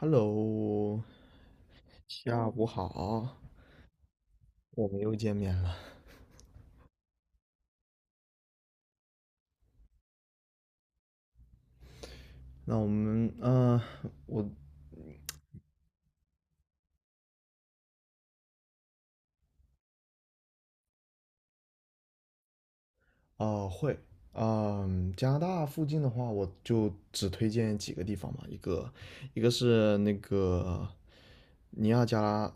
Hello，下午好，我们又见面了。那我们，嗯、我啊、呃会，加拿大附近的话，我就只推荐几个地方嘛，一个是那个尼亚加拉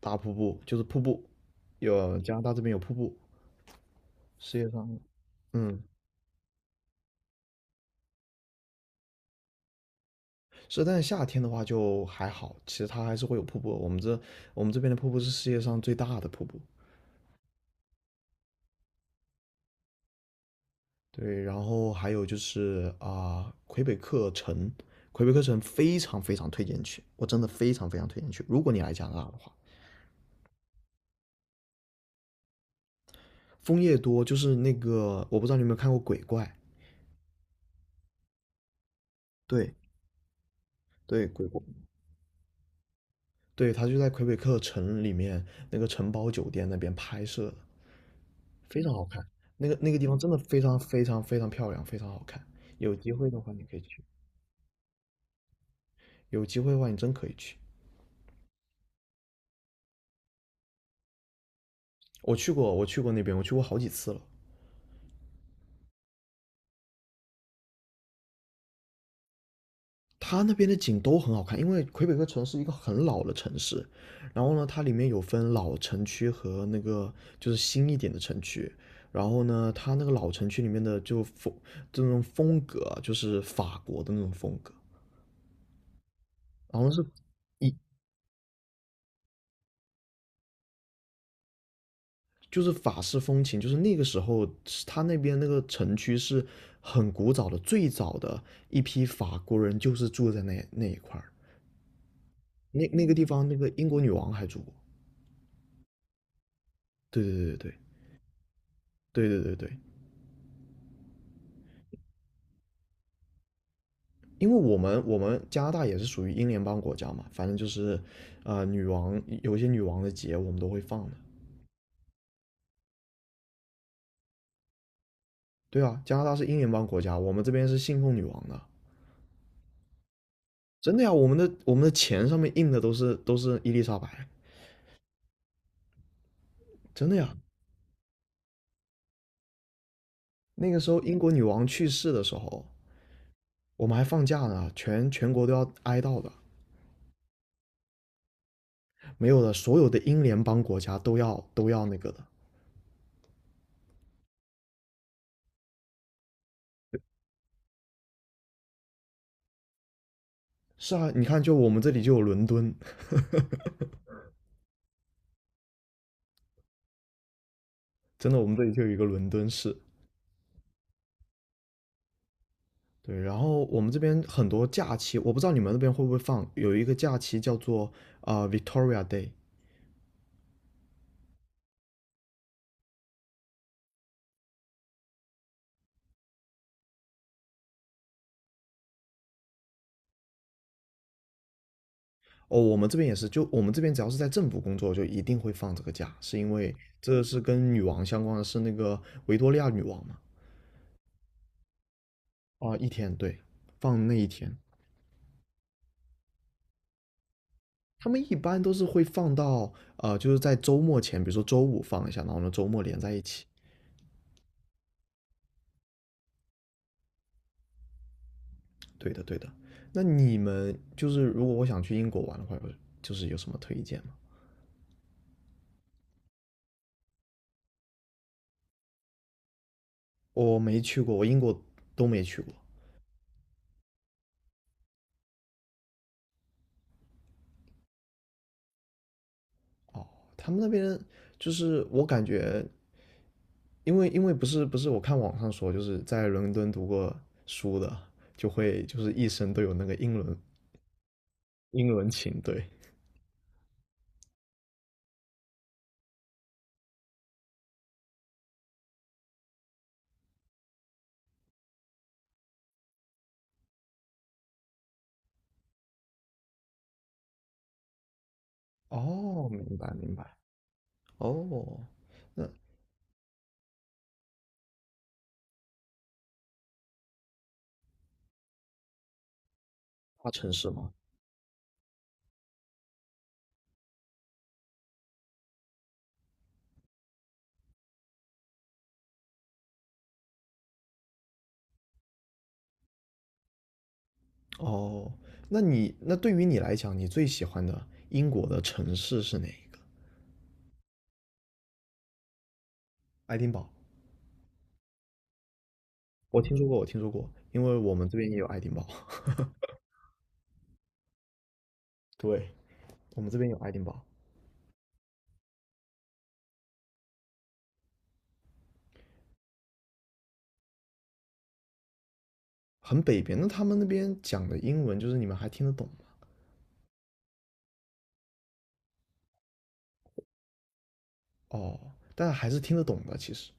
大瀑布，就是瀑布，有加拿大这边有瀑布，世界上，嗯，是，但是夏天的话就还好，其实它还是会有瀑布。我们这边的瀑布是世界上最大的瀑布，对，然后还有就是啊，魁北克城，魁北克城非常非常推荐去，我真的非常非常推荐去。如果你来加拿大的话，枫叶多就是那个，我不知道你有没有看过鬼怪，对对，鬼怪，对，它就在魁北克城里面那个城堡酒店那边拍摄的，非常好看。那个地方真的非常非常非常漂亮，非常好看。有机会的话你可以去，有机会的话你真可以去。我去过那边，我去过好几次了。它那边的景都很好看，因为魁北克城是一个很老的城市，然后呢，它里面有分老城区和那个就是新一点的城区，然后呢，它那个老城区里面的这种风格啊就是法国的那种风格，然后是一就是法式风情，就是那个时候是它那边那个城区是很古早的，最早的一批法国人就是住在那一块儿，那那个地方那个英国女王还住过，对对对对对对对对对。因为我们加拿大也是属于英联邦国家嘛，反正就是，女王有些女王的节我们都会放的。对啊，加拿大是英联邦国家，我们这边是信奉女王的，真的呀。我们的钱上面印的都是伊丽莎白，真的呀。那个时候英国女王去世的时候，我们还放假呢，全国都要哀悼的，没有的，所有的英联邦国家都要那个的。是啊，你看，就我们这里就有伦敦，真的，我们这里就有一个伦敦市。对，然后我们这边很多假期，我不知道你们那边会不会放，有一个假期叫做Victoria Day。哦，我们这边也是，就我们这边只要是在政府工作，就一定会放这个假，是因为这是跟女王相关的，是那个维多利亚女王嘛？一天，对，放那一天。他们一般都是会放到就是在周末前，比如说周五放一下，然后呢周末连在一起。对的，对的。那你们就是如果我想去英国玩的话，就是有什么推荐吗？我没去过，我英国都没去过。他们那边就是我感觉，因为不是，我看网上说，就是在伦敦读过书的，就会就是一生都有那个英伦情。对，哦，明白明白，哦，那大城市吗？哦，那你那对于你来讲，你最喜欢的英国的城市是哪一个？爱丁堡，我听说过，因为我们这边也有爱丁堡。对，我们这边有爱丁堡。很北边，那他们那边讲的英文就是你们还听得懂吗？哦，但还是听得懂的，其实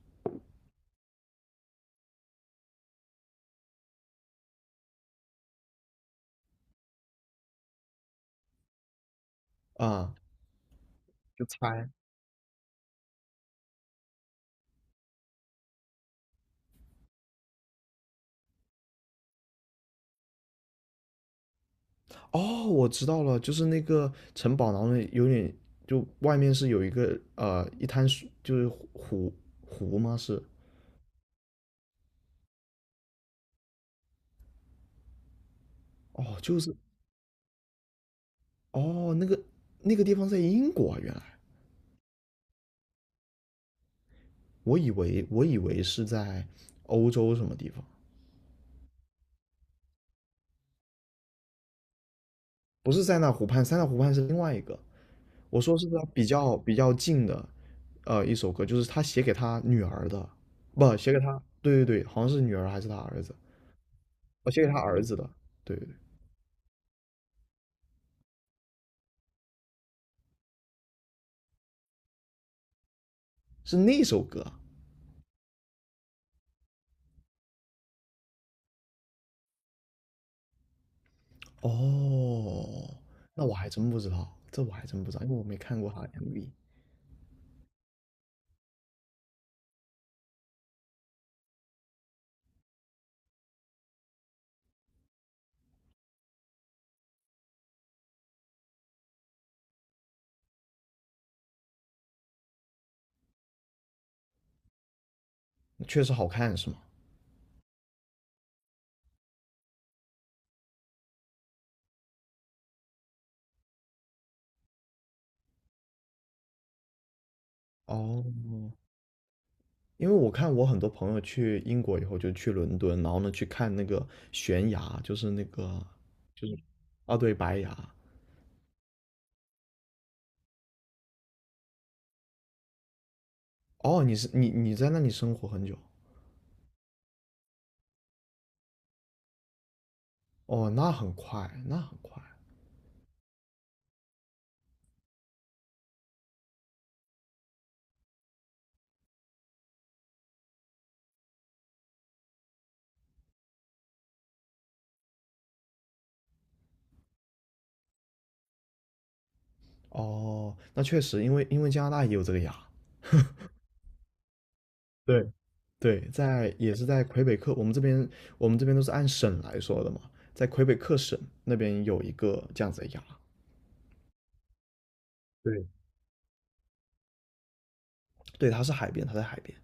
啊，就猜。哦，我知道了，就是那个城堡，然后呢有点就外面是有一个一滩水，就是湖湖吗？是哦，就是哦那个那个地方在英国啊，原来我以为是在欧洲什么地方，不是塞纳湖畔，塞纳湖畔是另外一个。我说是在比较近的，一首歌，就是他写给他女儿的，不，写给他，对对对，好像是女儿还是他儿子，我写给他儿子的，对对对，是那首歌啊。哦，那我还真不知道，这我还真不知道，因为我没看过他的 MV。确实好看是吗？哦，因为我看我很多朋友去英国以后就去伦敦，然后呢去看那个悬崖，就是对，白崖。哦，你是你你在那里生活很久？哦，那很快，那很快。哦，那确实，因为加拿大也有这个牙，对，对，在也是在魁北克，我们这边都是按省来说的嘛，在魁北克省那边有一个这样子的牙，对，对，它是海边，它在海边。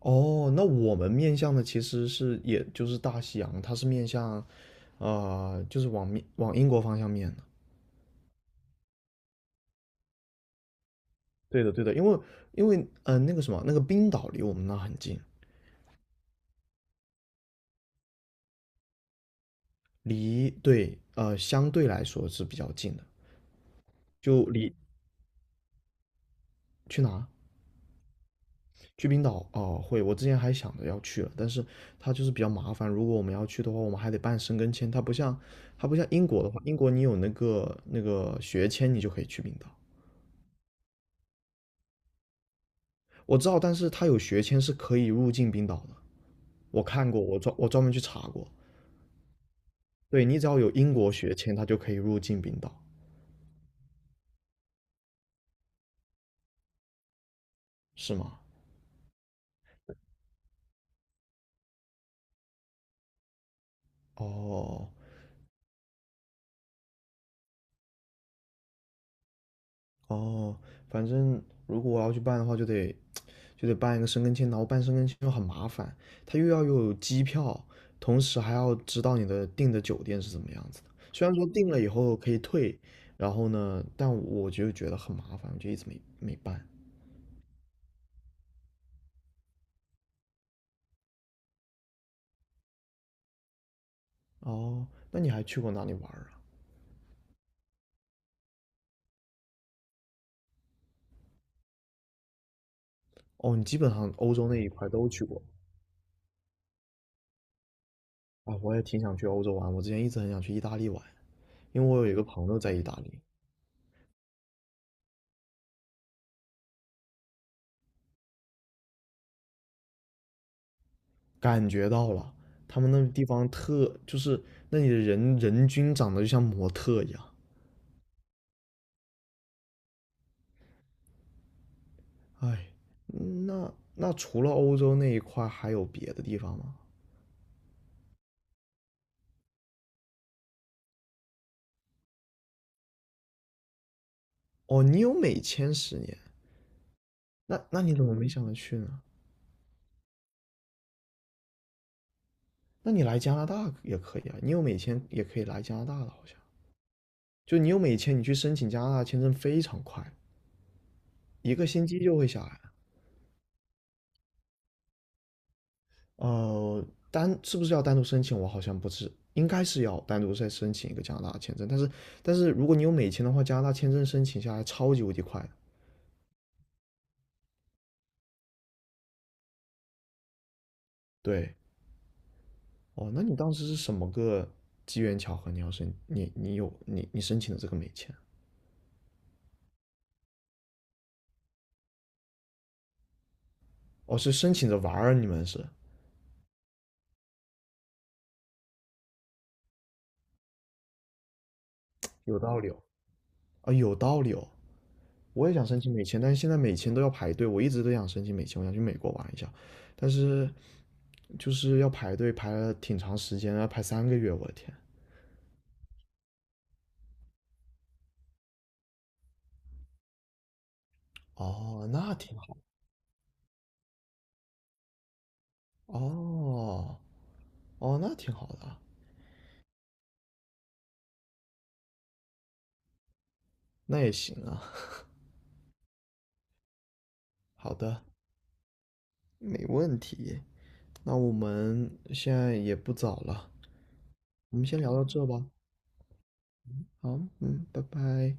哦，那我们面向的其实是也就是大西洋，它是面向，就是往英国方向面的。对的，对的，因为那个什么那个冰岛离我们那很近，对，相对来说是比较近的，就离去哪？去冰岛哦，会，我之前还想着要去了，但是它就是比较麻烦。如果我们要去的话，我们还得办申根签，它不像英国的话，英国你有那个那个学签，你就可以去冰岛。我知道，但是它有学签是可以入境冰岛的，我看过，我专门去查过。对，你只要有英国学签，它就可以入境冰岛，是吗？哦哦，反正如果我要去办的话，就得办一个申根签，然后办申根签又很麻烦，他又要有机票，同时还要知道你的订的酒店是怎么样子的。虽然说订了以后可以退，然后呢，但我就觉得很麻烦，我就一直没办。哦，那你还去过哪里玩儿啊？哦，你基本上欧洲那一块都去过啊。我也挺想去欧洲玩，我之前一直很想去意大利玩，因为我有一个朋友在意大利，感觉到了他们那地方就是那里的人人均长得就像模特一样。哎，那那除了欧洲那一块，还有别的地方吗？哦，你有美签10年，那你怎么没想着去呢？那你来加拿大也可以啊，你有美签也可以来加拿大的，好像。就你有美签，你去申请加拿大签证非常快，1个星期就会下来。呃，是不是要单独申请？我好像不是，应该是要单独再申请一个加拿大签证。但是如果你有美签的话，加拿大签证申请下来超级无敌快的。对，哦，那你当时是什么个机缘巧合？你要申你你有你你申请的这个美签？哦，是申请着玩儿啊，你们是有道理哦。啊，有道理哦。我也想申请美签，但是现在美签都要排队，我一直都想申请美签，我想去美国玩一下，但是就是要排队，排了挺长时间，要排3个月，我的天。哦，那挺好。哦哦，那挺好的啊，那也行啊。好的，没问题。那我们现在也不早了，我们先聊到这吧。好，嗯，拜拜。